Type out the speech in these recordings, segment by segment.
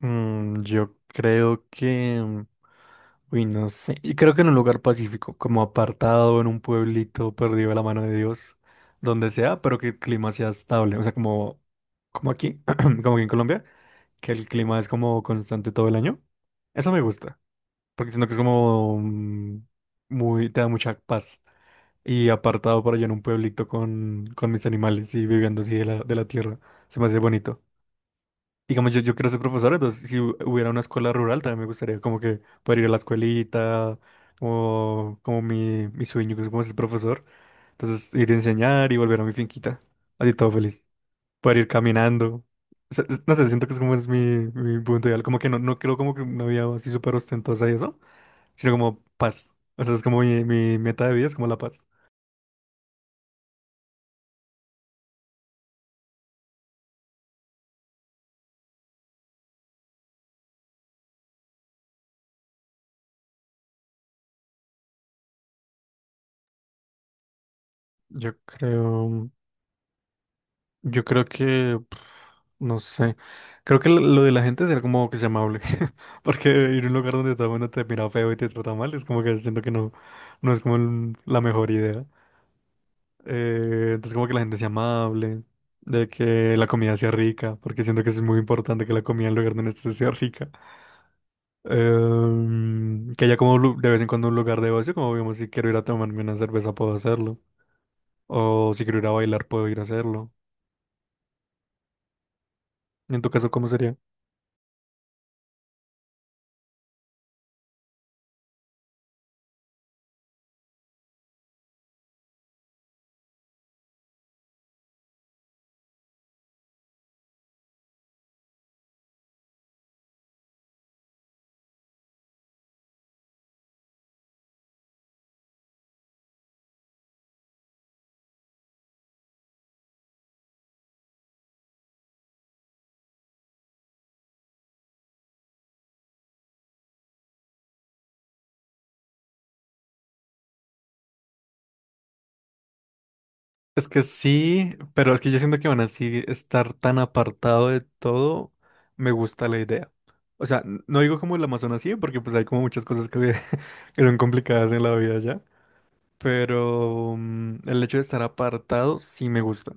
Yo creo que, uy, no sé, y creo que en un lugar pacífico, como apartado en un pueblito perdido de la mano de Dios, donde sea, pero que el clima sea estable, o sea, como aquí, como aquí en Colombia, que el clima es como constante todo el año. Eso me gusta, porque siento que es como muy, te da mucha paz. Y apartado por allá en un pueblito con mis animales y viviendo así de la tierra, se me hace bonito. Digamos, yo quiero ser profesor, entonces si hubiera una escuela rural también me gustaría como que poder ir a la escuelita, o como mi sueño que es como ser profesor. Entonces ir a enseñar y volver a mi finquita, así todo feliz. Poder ir caminando. O sea, no sé, siento que es como es mi punto ideal, como que no, no quiero como que una vida así súper ostentosa y eso, sino como paz. O sea, es como mi meta de vida, es como la paz. Yo creo, yo creo que no sé. Creo que lo de la gente será como que sea amable. Porque ir a un lugar donde todo el mundo te mira feo y te trata mal es como que siento que no, no es como la mejor idea. Entonces como que la gente sea amable, de que la comida sea rica, porque siento que eso es muy importante que la comida en el lugar donde estés sea rica. Que haya como de vez en cuando un lugar de ocio, como digamos, si quiero ir a tomarme una cerveza puedo hacerlo. O si quiero ir a bailar puedo ir a hacerlo. ¿Y en tu caso cómo sería? Es que sí, pero es que yo siento que van así estar tan apartado de todo, me gusta la idea. O sea, no digo como el Amazonas sí, porque pues hay como muchas cosas que, que son complicadas en la vida ya, pero el hecho de estar apartado sí me gusta.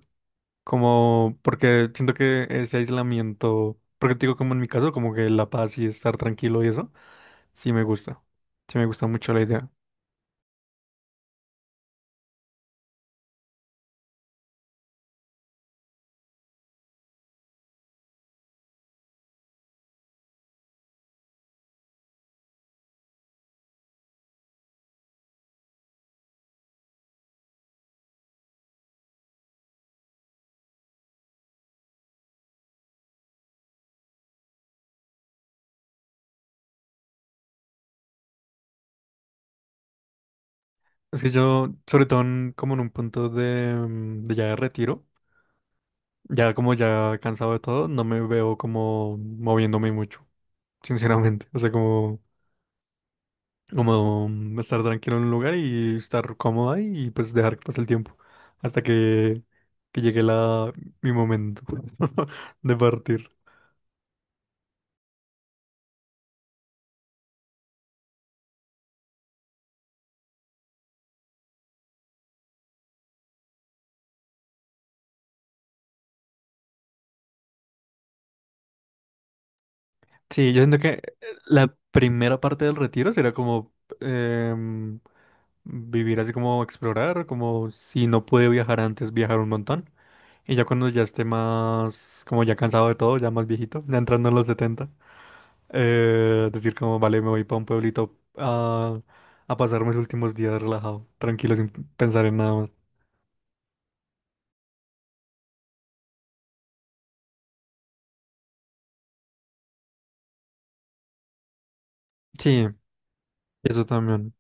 Como porque siento que ese aislamiento, porque te digo como en mi caso, como que la paz y estar tranquilo y eso, sí me gusta. Sí me gusta mucho la idea. Es que yo, sobre todo como en un punto de ya de retiro. Ya como ya cansado de todo, no me veo como moviéndome mucho, sinceramente. O sea, como, estar tranquilo en un lugar y estar cómodo ahí y pues dejar que pase el tiempo hasta que llegue mi momento de partir. Sí, yo siento que la primera parte del retiro será como em, vivir así como explorar, como si no pude viajar antes, viajar un montón. Y ya cuando ya esté más, como ya cansado de todo, ya más viejito, ya entrando en los 70. Decir como, vale, me voy para un pueblito a pasar mis últimos días relajado, tranquilo, sin pensar en nada más. Sí, eso también.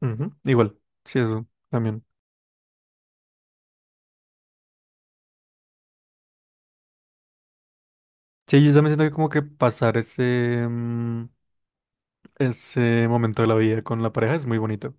Ujú, igual, sí, eso también. Sí, yo también siento que como que pasar ese momento de la vida con la pareja es muy bonito.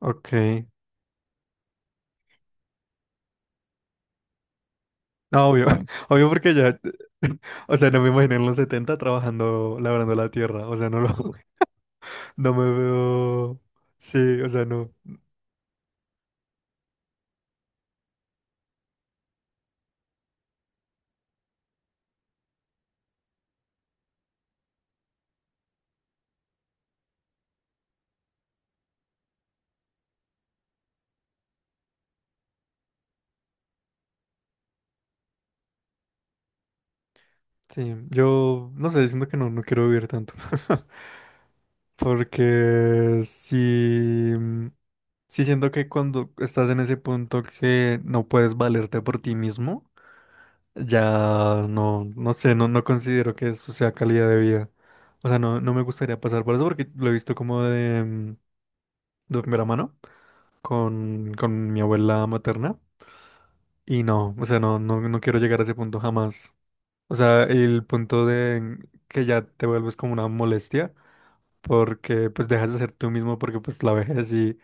Ok, no, obvio, obvio porque ya, o sea, no me imagino en los 70 trabajando, labrando la tierra, o sea, no lo, no me veo, sí, o sea, no. Sí, yo no sé, siento que no, no quiero vivir tanto. Porque sí, sí siento que cuando estás en ese punto que no puedes valerte por ti mismo, ya no, no sé, no, no considero que eso sea calidad de vida. O sea, no, no me gustaría pasar por eso porque lo he visto como de primera mano con mi abuela materna. Y no, o sea, no, no, no quiero llegar a ese punto jamás. O sea, el punto de que ya te vuelves como una molestia, porque pues dejas de ser tú mismo, porque pues la vejez y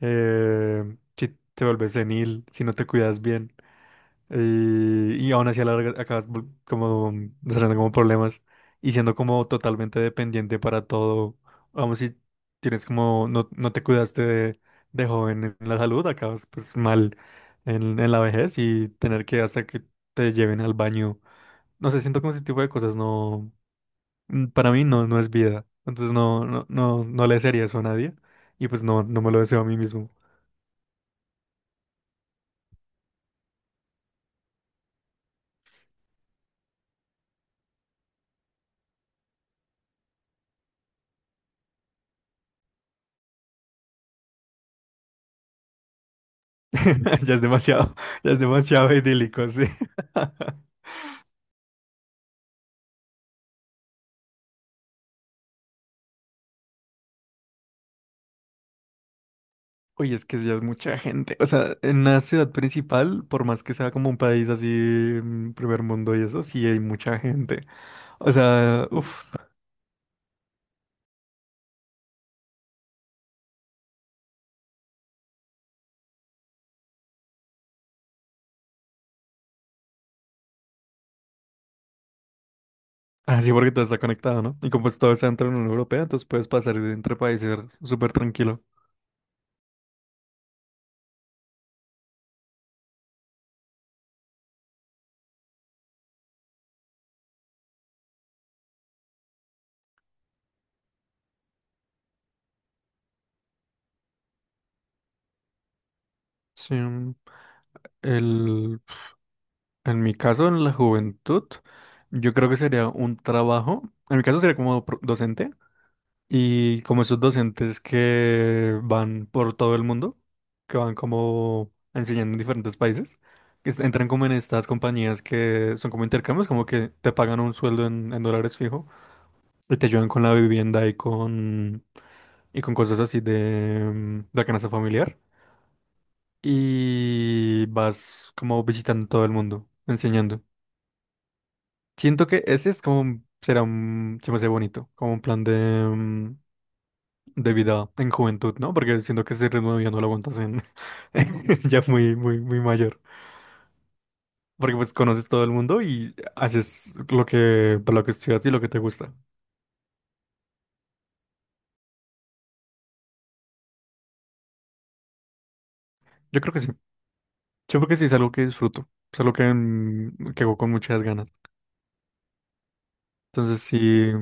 si te vuelves senil, si no te cuidas bien, y aún así a la larga acabas como desarrollando como problemas y siendo como totalmente dependiente para todo, vamos, si tienes como, no, no te cuidaste de joven en la salud, acabas pues mal en la vejez y tener que hasta que te lleven al baño, no sé, siento como ese tipo de cosas, no, para mí no, no es vida. Entonces no, no, no, no le desearía eso a nadie. Y pues no, no me lo deseo a mí mismo. Ya es demasiado, ya es demasiado idílico, sí. Oye, es que ya es mucha gente. O sea, en una ciudad principal, por más que sea como un país así, primer mundo y eso, sí hay mucha gente. O sea, uff, así porque todo está conectado, ¿no? Y como pues todo está dentro de la Unión Europea, entonces puedes pasar de entre países súper tranquilo. Sí, el, en mi caso, en la juventud. Yo creo que sería un trabajo, en mi caso sería como docente, y como esos docentes que van por todo el mundo, que van como enseñando en diferentes países, que entran como en estas compañías que son como intercambios, como que te pagan un sueldo en dólares fijo y te ayudan con la vivienda y con cosas así de la canasta familiar, y vas como visitando todo el mundo, enseñando. Siento que ese es como, se me hace bonito, como un plan de vida en juventud, ¿no? Porque siento que ese ritmo ya no lo aguantas en, ya muy, muy, muy mayor. Porque pues conoces todo el mundo y haces lo que, para lo que estudias y lo que te gusta. Yo creo que sí. Yo creo que sí es algo que disfruto. Es algo que hago con muchas ganas. Entonces sí,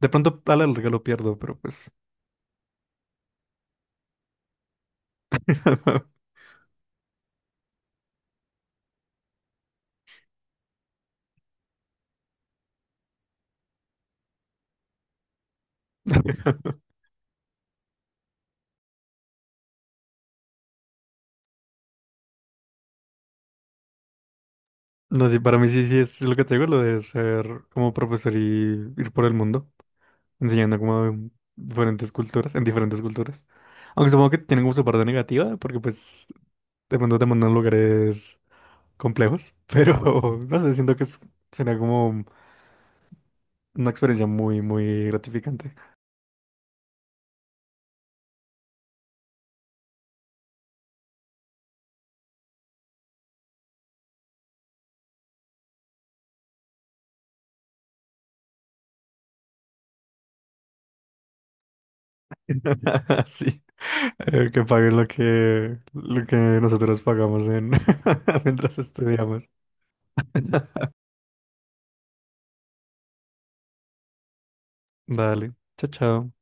de pronto a la larga lo pierdo, pero pues. No, sí, para mí sí, sí es lo que te digo, lo de ser como profesor y ir por el mundo, enseñando como diferentes culturas, en diferentes culturas. Aunque supongo que tienen como su parte negativa, porque pues de pronto te mandan a lugares complejos, pero no sé, siento que sería como una experiencia muy, muy gratificante. Sí, que paguen lo que nosotros pagamos en mientras estudiamos. Dale, chao, chao.